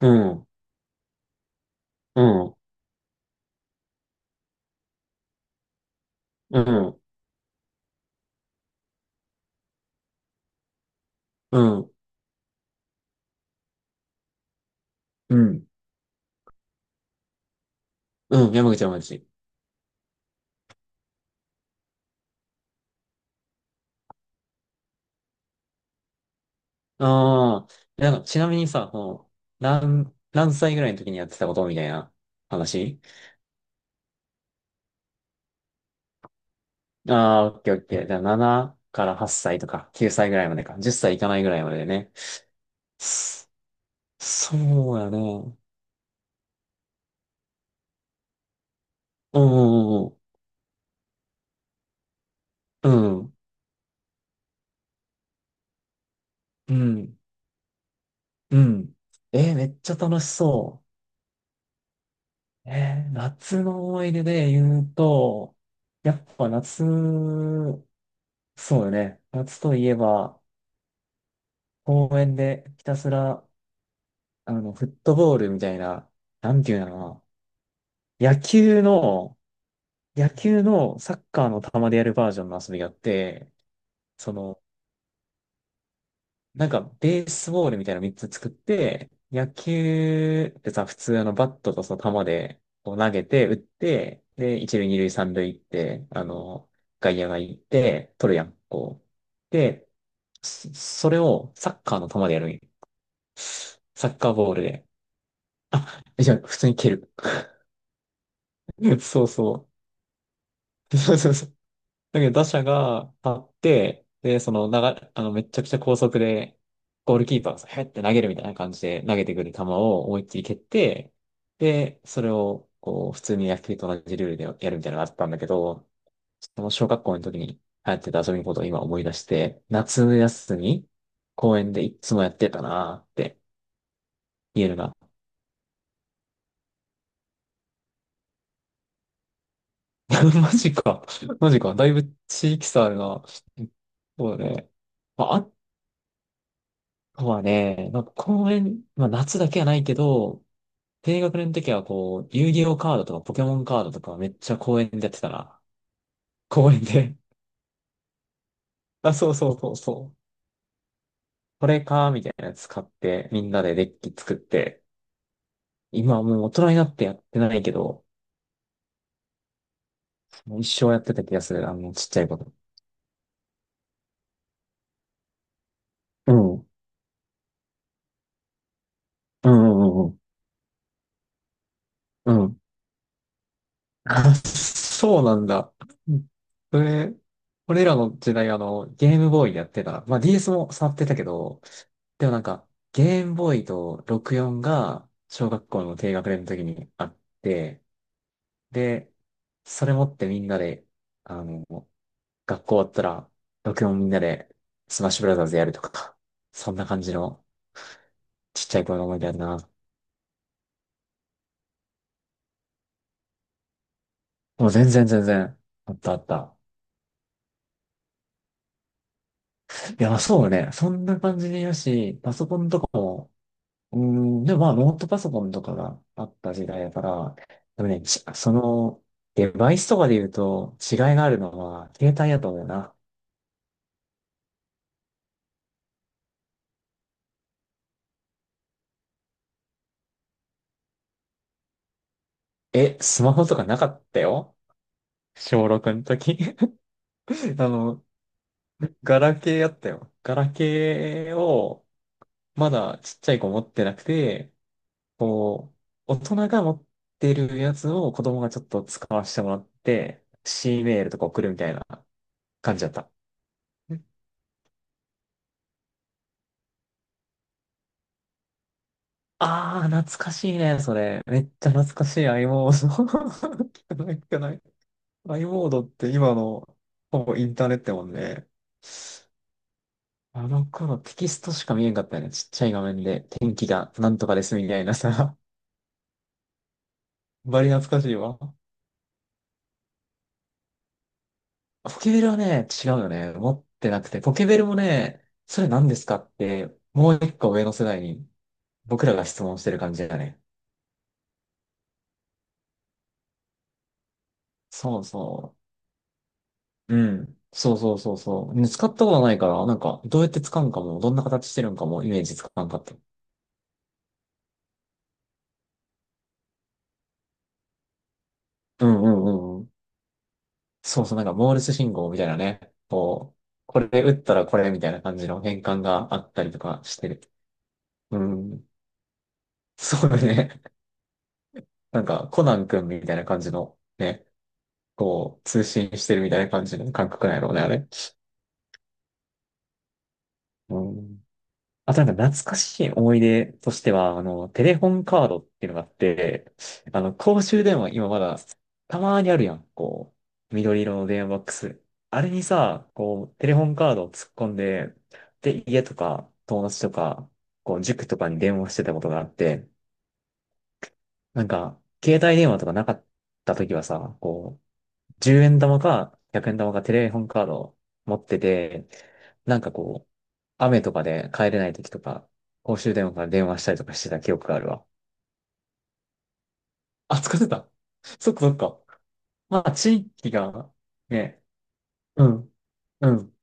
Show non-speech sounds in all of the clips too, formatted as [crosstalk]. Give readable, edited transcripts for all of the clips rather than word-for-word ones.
うん、うん、うん、うん、うん、うん、山口はマジ。ああ、なんか、ちなみにさ、何歳ぐらいの時にやってたことみたいな話。ああー、オッケーオッケー。じゃあ、7から8歳とか、9歳ぐらいまでか、10歳いいかないぐらいまででね。そそうやね。うんうんうん、うん、うん、うん。えー、めっちゃ楽しそう。夏の思い出で言うと、やっぱ夏、そうよね。夏といえば、公園でひたすら、フットボールみたいな、なんていうのかな。野球の、野球のサッカーの球でやるバージョンの遊びがあって、その、なんか、ベースボールみたいなの3つ作って、野球ってさ、普通バットとその球で、こう投げて、打って、で、一塁、二塁、三塁行って、外野が行って、取るやん、こう。で、それをサッカーの球でやるんよ。サッカーボールで。あ、いや、普通に蹴る。[laughs] そうそう。そうそうそう。だけど打者が立って、で、長あの、めちゃくちゃ高速で、ゴールキーパーがへって投げるみたいな感じで投げてくる球を思いっきり蹴って、で、それを、こう、普通に野球と同じルールでやるみたいなのがあったんだけど、その小学校の時に流行ってた遊びのことを今思い出して、夏休み、公園でいつもやってたなーって言えるな。家のが [laughs] マジか。マジか。だいぶ地域差あるな。そうだね。まあ、あとはね、なんか公園、まあ夏だけはないけど、低学年の時はこう、遊戯王カードとかポケモンカードとかめっちゃ公園でやってたな。公園で。[laughs] あ、そうそうそうそう。これか、みたいなやつ買って、みんなでデッキ作って、今はもう大人になってやってないけど、もう一生やってた気がする。ちっちゃいこと。うん。うんうんうんうん。うん。あ、そうなんだ。それ、俺らの時代、ゲームボーイやってた。まあ、DS も触ってたけど、でもなんか、ゲームボーイと64が小学校の低学年の時にあって、で、それ持ってみんなで、あの、学校終わったら、64みんなでスマッシュブラザーズやるとか、そんな感じのちっちゃい頃の思い出やな。もう全然全然、あったあった。いや、まあそうね。そんな感じでよし、パソコンとかも、うん、でもまあ、ノートパソコンとかがあった時代だから、でもね、ちその、デバイスとかで言うと違いがあるのは、携帯だと思うな。え、スマホとかなかったよ。小6の時。[laughs] あの、ガラケーやったよ。ガラケーを、まだちっちゃい子持ってなくて、こう、大人が持ってるやつを子供がちょっと使わせてもらって、C メールとか送るみたいな感じだった。ああ、懐かしいね、それ。めっちゃ懐かしい i モード。[laughs] 聞かない、聞かない。i モードって今の、ほぼインターネットやもんね。あの頃テキストしか見えんかったよね。ちっちゃい画面で天気がなんとかですみたいなさ。バリ懐かしいわ。ポケベルはね、違うよね。持ってなくて。ポケベルもね、それ何ですかって、もう一個上の世代に僕らが質問してる感じだね。そうそう。うん。そうそうそうそう。ね、使ったことないから、なんか、どうやって使うんかも、どんな形してるんかも、イメージつかんかった。うんうんうんうん。そうそう、なんか、モールス信号みたいなね。こう、これ打ったらこれみたいな感じの変換があったりとかしてる。うん。そうね。なんか、コナン君みたいな感じの、ね、こう、通信してるみたいな感じの感覚なんやろうね、あれ。うん。あとなんか懐かしい思い出としては、テレホンカードっていうのがあって、公衆電話今まだたまにあるやん、こう、緑色の電話ボックス。あれにさ、こう、テレホンカードを突っ込んで、で、家とか友達とか、こう、塾とかに電話してたことがあって、なんか、携帯電話とかなかった時はさ、こう、10円玉か100円玉かテレホンカードを持ってて、なんかこう、雨とかで帰れない時とか、公衆電話から電話したりとかしてた記憶があるわ。あ、使ってた。そっかそっか。まあ、地域が、ね、うん、うん。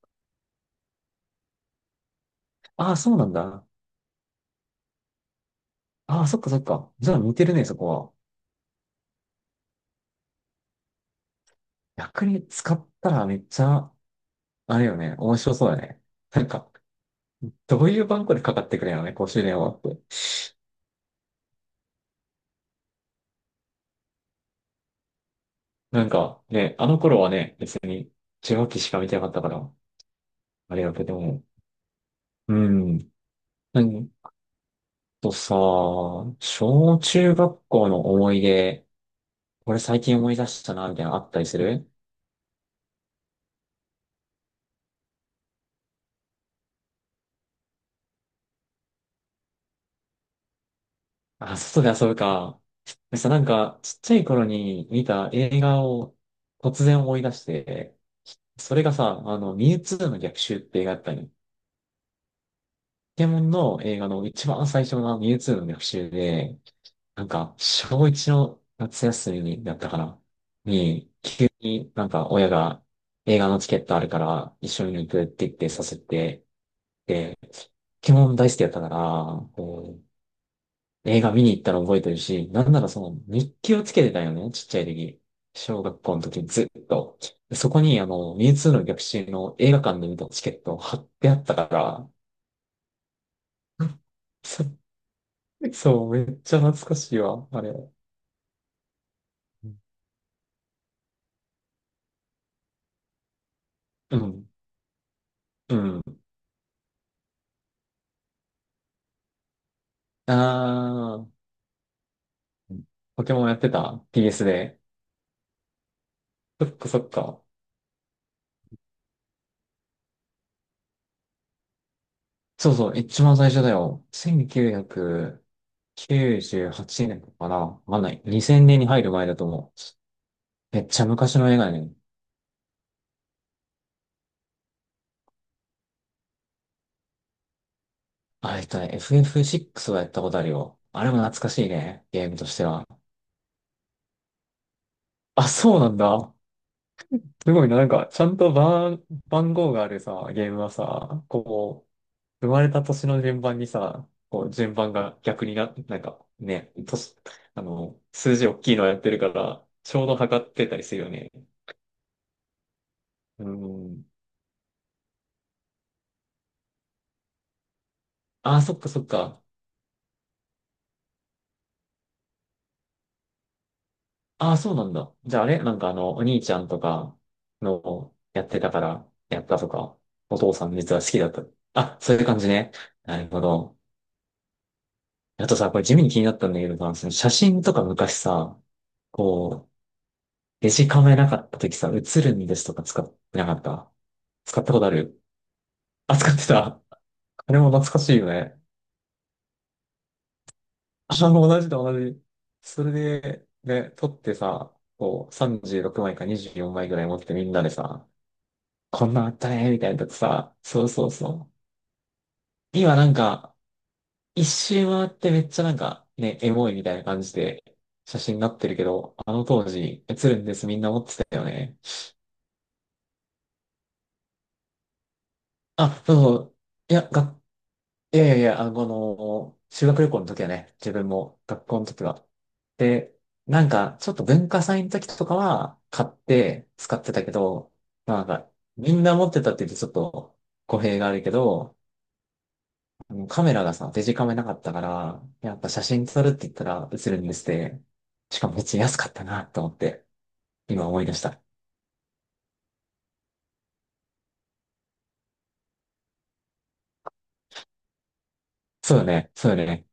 ああ、そうなんだ。ああ、そっかそっか。じゃあ似てるね、そこは。逆に使ったらめっちゃ、あれよね、面白そうだね。なんか、どういう番号でかかってくるんやろね、公衆電話って。なんか、ね、あの頃はね、別に受話器しか見てなかったから。ありがとう。でも、うん。うんとさ、小中学校の思い出、これ最近思い出したな、みたいなのあったりする？あ、外で遊ぶか。でさ、なんか、ちっちゃい頃に見た映画を突然思い出して、それがさ、ミュウツーの逆襲って映画だったのよ。ポケモンの映画の一番最初のミュウツーの逆襲で、なんか、小一の夏休みだったかなに、急になんか親が映画のチケットあるから一緒に行くって言ってさせて、で、ポケモン大好きだったから、こう映画見に行ったの覚えてるし、なんならその日記をつけてたよね、ちっちゃい時。小学校の時ずっと。そこにミュウツーの逆襲の映画館で見たチケットを貼ってあったから、[laughs] そそう、めっちゃ懐かしいわ、あれ。うん。うん、あー、ポケモンやってた ?PS で。そっかそっか。そうそう、一番最初だよ。1998年かな。わかんない。2000年に入る前だと思う。めっちゃ昔の映画ね。あ、FF6 はやったことあるよ。あれも懐かしいね。ゲームとしては。あ、そうなんだ。すごいな。なんか、ちゃんと番号があるさ、ゲームはさ、生まれた年の順番にさ、こう、順番が逆にな、なんかね、年、数字大きいのやってるから、ちょうど測ってたりするよね。うん。ああ、そっかそっか。ああ、そうなんだ。じゃああれなんかお兄ちゃんとかのやってたから、やったとか、お父さん実は好きだった。あ、そういう感じね。なるほど。あとさ、これ地味に気になったんだけどさ、その写真とか昔さ、こう、デジカメなかった時さ、写るんですとか使ってなかった？使ったことある？あ、使ってた。あれも懐かしいよね。あ、同じだ、同じ。それで、取ってさ、こう、36枚か24枚ぐらい持ってみんなでさ、こんなんあったね、みたいなとこさ、そうそうそう。今なんか、一周回ってめっちゃなんか、ね、エモいみたいな感じで、写真になってるけど、あの当時、写るんです、みんな持ってたよね。あ、そうそう。いや、いやいやいや、この修学旅行の時はね、自分も学校の時は。で、なんか、ちょっと文化祭の時とかは買って使ってたけど、まあなんか、みんな持ってたって言うとちょっと語弊があるけど、あのカメラがさ、デジカメなかったから、やっぱ写真撮るって言ったら写るんですって、しかも別に安かったなと思って、今思い出した。そうよね、そうよね。